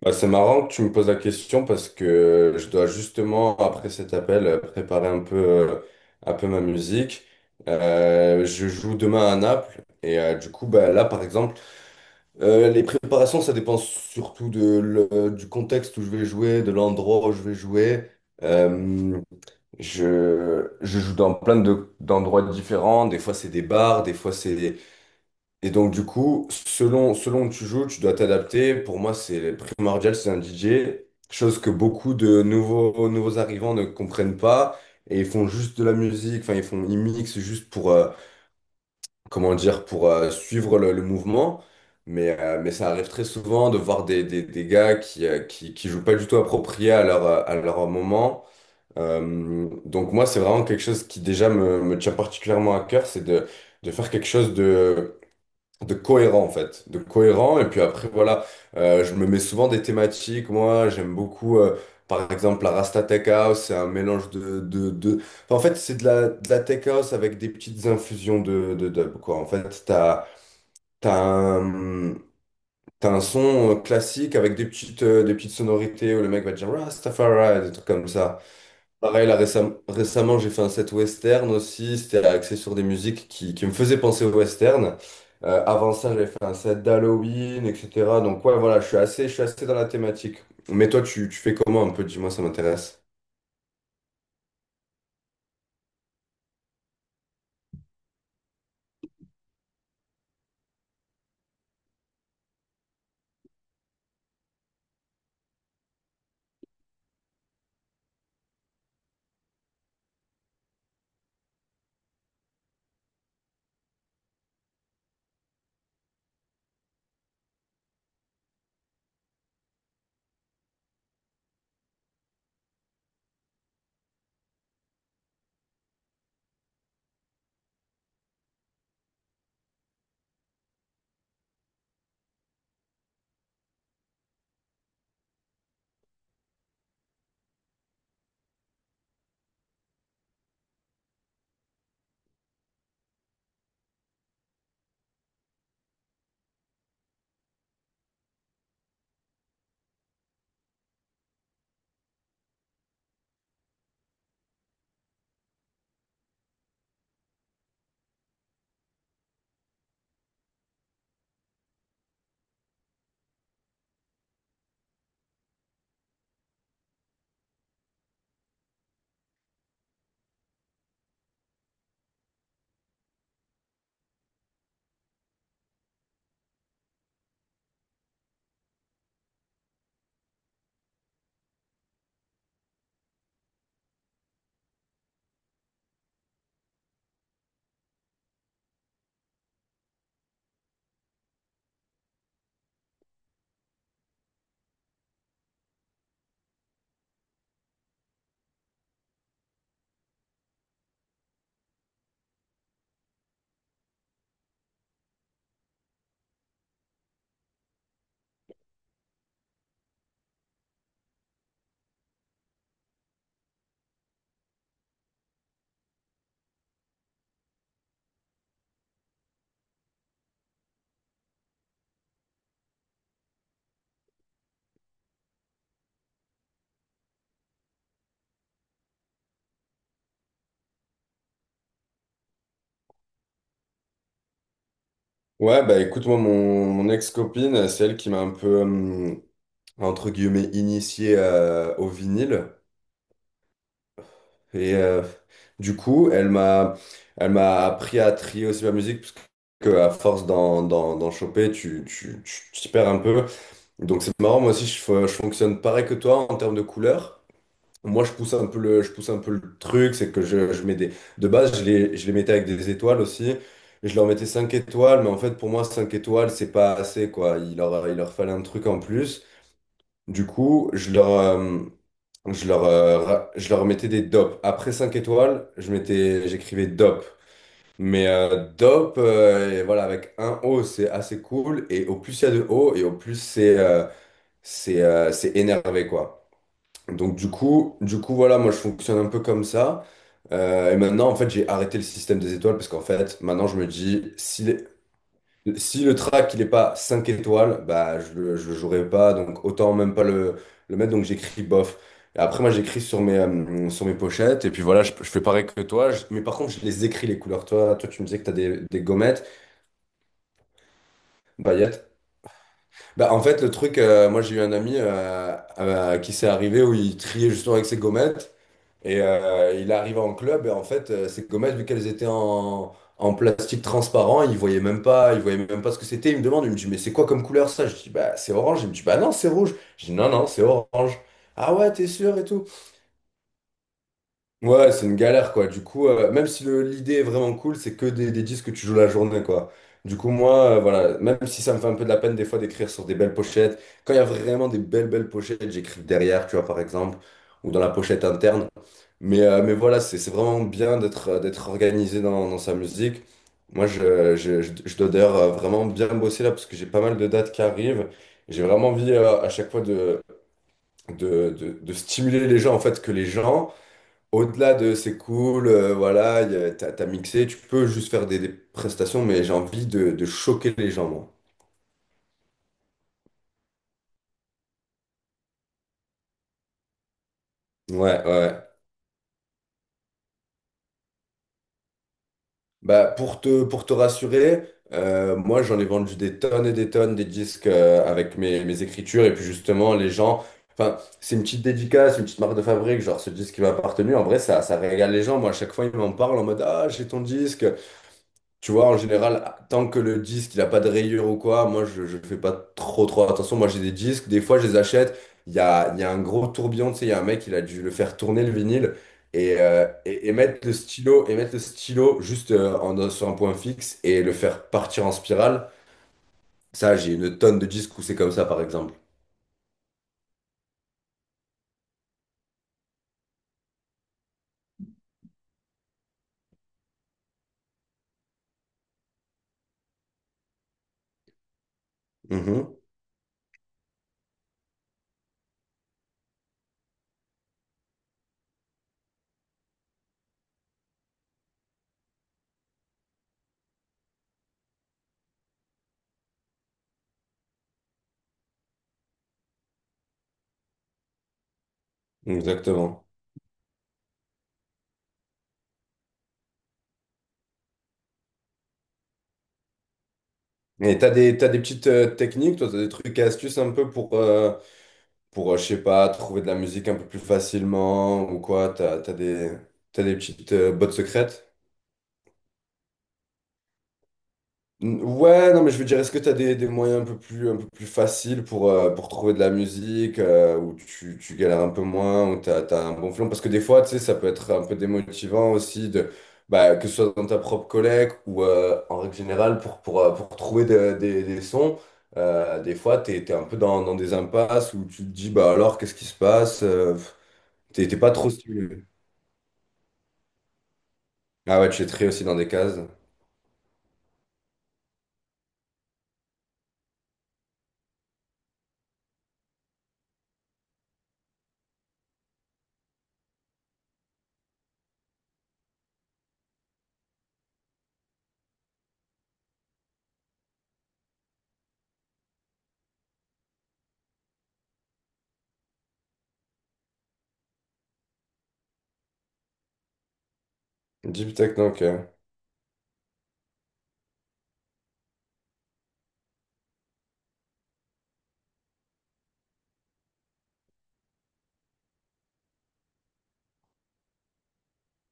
Bah, c'est marrant que tu me poses la question parce que je dois justement, après cet appel, préparer un peu ma musique. Je joue demain à Naples et du coup, bah, là, par exemple, les préparations, ça dépend surtout de, du contexte où je vais jouer, de l'endroit où je vais jouer. Euh, je joue dans plein d'endroits différents. Des fois, c'est des bars, des fois, c'est et donc, du coup, selon où tu joues, tu dois t'adapter. Pour moi, c'est primordial, c'est un DJ. Chose que beaucoup de nouveaux arrivants ne comprennent pas. Et ils font juste de la musique, enfin, ils mixent juste pour, comment dire, pour suivre le mouvement. Mais ça arrive très souvent de voir des gars qui, qui jouent pas du tout approprié à leur, à leur moment. Donc, moi, c'est vraiment quelque chose qui déjà me tient particulièrement à cœur, c'est de faire quelque chose de cohérent en fait, de cohérent. Et puis après, voilà, je me mets souvent des thématiques. Moi, j'aime beaucoup, par exemple, la Rasta Tech House, c'est un mélange de... Enfin, en fait, c'est de la Tech House avec des petites infusions de dub, quoi. En fait, t'as un, t'as un son classique avec des petites sonorités où le mec va dire Rastafari, des trucs comme ça. Pareil, là, récemment, j'ai fait un set western aussi. C'était axé sur des musiques qui me faisaient penser au western. Avant ça, j'avais fait un set d'Halloween, etc. Donc, ouais, voilà, je suis assez dans la thématique. Mais toi, tu fais comment un peu? Dis-moi, ça m'intéresse. Ouais, bah écoute, moi, mon ex-copine, c'est elle qui m'a un peu, entre guillemets, initié au vinyle. Et du coup, elle m'a appris à trier aussi ma musique, parce que à force d'en choper, tu t'y perds un peu. Donc c'est marrant, moi aussi, je fonctionne pareil que toi en termes de couleurs. Moi, je pousse un peu le truc, c'est que je mets des... De base, je les mettais avec des étoiles aussi. Je leur mettais 5 étoiles, mais en fait, pour moi, 5 étoiles, c'est pas assez, quoi. Il leur fallait un truc en plus. Du coup, je leur mettais des dopes. Après 5 étoiles, je mettais, j'écrivais dope. Mais dope, et voilà, avec un O, c'est assez cool. Et au plus il y a de O, et au plus c'est c'est énervé, quoi. Du coup, voilà, moi je fonctionne un peu comme ça. Et maintenant, en fait, j'ai arrêté le système des étoiles parce qu'en fait, maintenant je me dis, si le track il est pas 5 étoiles, bah je le jouerai pas, donc autant même pas le mettre, donc j'écris bof. Et après moi j'écris sur mes pochettes, et puis voilà, je fais pareil que toi, mais par contre je les écris les couleurs. Toi tu me disais que t'as des gommettes, paillettes. Bah en fait le truc, moi j'ai eu un ami à qui s'est arrivé où il triait justement avec ses gommettes, et il arrive en club et en fait, ces gommettes, vu qu'elles étaient en plastique transparent, il voyait même pas ce que c'était. Il me demande, il me dit, mais c'est quoi comme couleur ça? Je dis, bah c'est orange. Il me dit, bah non, c'est rouge. Je dis, non, c'est orange. Ah ouais, t'es sûr et tout. Ouais, c'est une galère quoi. Du coup, même si l'idée est vraiment cool, c'est que des disques que tu joues la journée quoi. Du coup, moi, voilà, même si ça me fait un peu de la peine des fois d'écrire sur des belles pochettes, quand il y a vraiment des belles, belles pochettes, j'écris derrière, tu vois, par exemple, ou dans la pochette interne. Mais voilà, c'est vraiment bien d'être d'être organisé dans sa musique. Moi, je dois d'ailleurs vraiment bien bosser là parce que j'ai pas mal de dates qui arrivent. J'ai vraiment envie à chaque fois de stimuler les gens, en fait, que les gens, au-delà de c'est cool, voilà, t'as mixé, tu peux juste faire des prestations, mais j'ai envie de choquer les gens, moi. Ouais. Bah, pour te rassurer, moi j'en ai vendu des tonnes et des tonnes des disques avec mes, mes écritures et puis justement les gens, enfin c'est une petite dédicace, une petite marque de fabrique, genre ce disque qui m'a appartenu, en vrai ça, ça régale les gens, moi à chaque fois ils m'en parlent en mode ah j'ai ton disque, tu vois, en général, tant que le disque il a pas de rayures ou quoi, moi je fais pas trop trop attention. Moi j'ai des disques, des fois je les achète. Il y a un gros tourbillon, tu sais, il y a un mec, il a dû le faire tourner le vinyle et, et mettre le stylo, et mettre le stylo juste sur un point fixe et le faire partir en spirale. Ça, j'ai une tonne de disques où c'est comme ça, par exemple. Mhm, exactement. Et t'as des petites techniques, toi, t'as des trucs et astuces un peu pour, je sais pas, trouver de la musique un peu plus facilement ou quoi? T'as des petites bottes secrètes? Ouais, non, mais je veux dire, est-ce que t'as des moyens un peu plus faciles pour trouver de la musique où tu galères un peu moins, où t'as un bon flon? Parce que des fois, tu sais, ça peut être un peu démotivant aussi de. Bah, que ce soit dans ta propre collègue ou en règle générale pour, pour trouver des sons. Des fois, tu es, un peu dans des impasses où tu te dis, bah alors, qu'est-ce qui se passe? T'es t'es pas trop stylé. Ah ouais, tu es très aussi dans des cases. Deep tech, donc.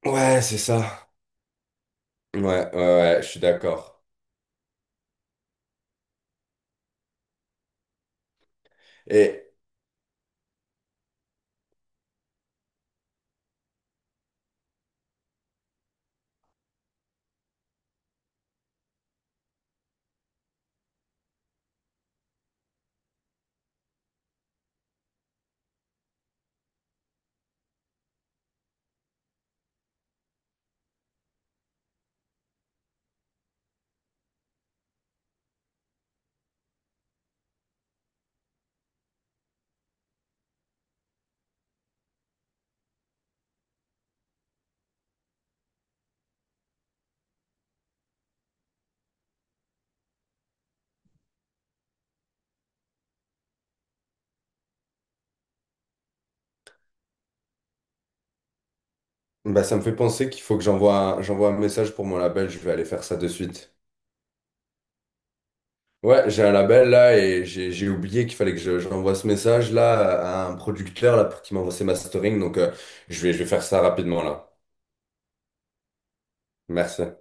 Ouais, c'est ça. Ouais, je suis d'accord. Et bah, ça me fait penser qu'il faut que j'envoie un message pour mon label. Je vais aller faire ça de suite. Ouais, j'ai un label là et j'ai oublié qu'il fallait j'envoie ce message là à un producteur là pour qu'il m'envoie ses mastering. Donc je vais faire ça rapidement là. Merci.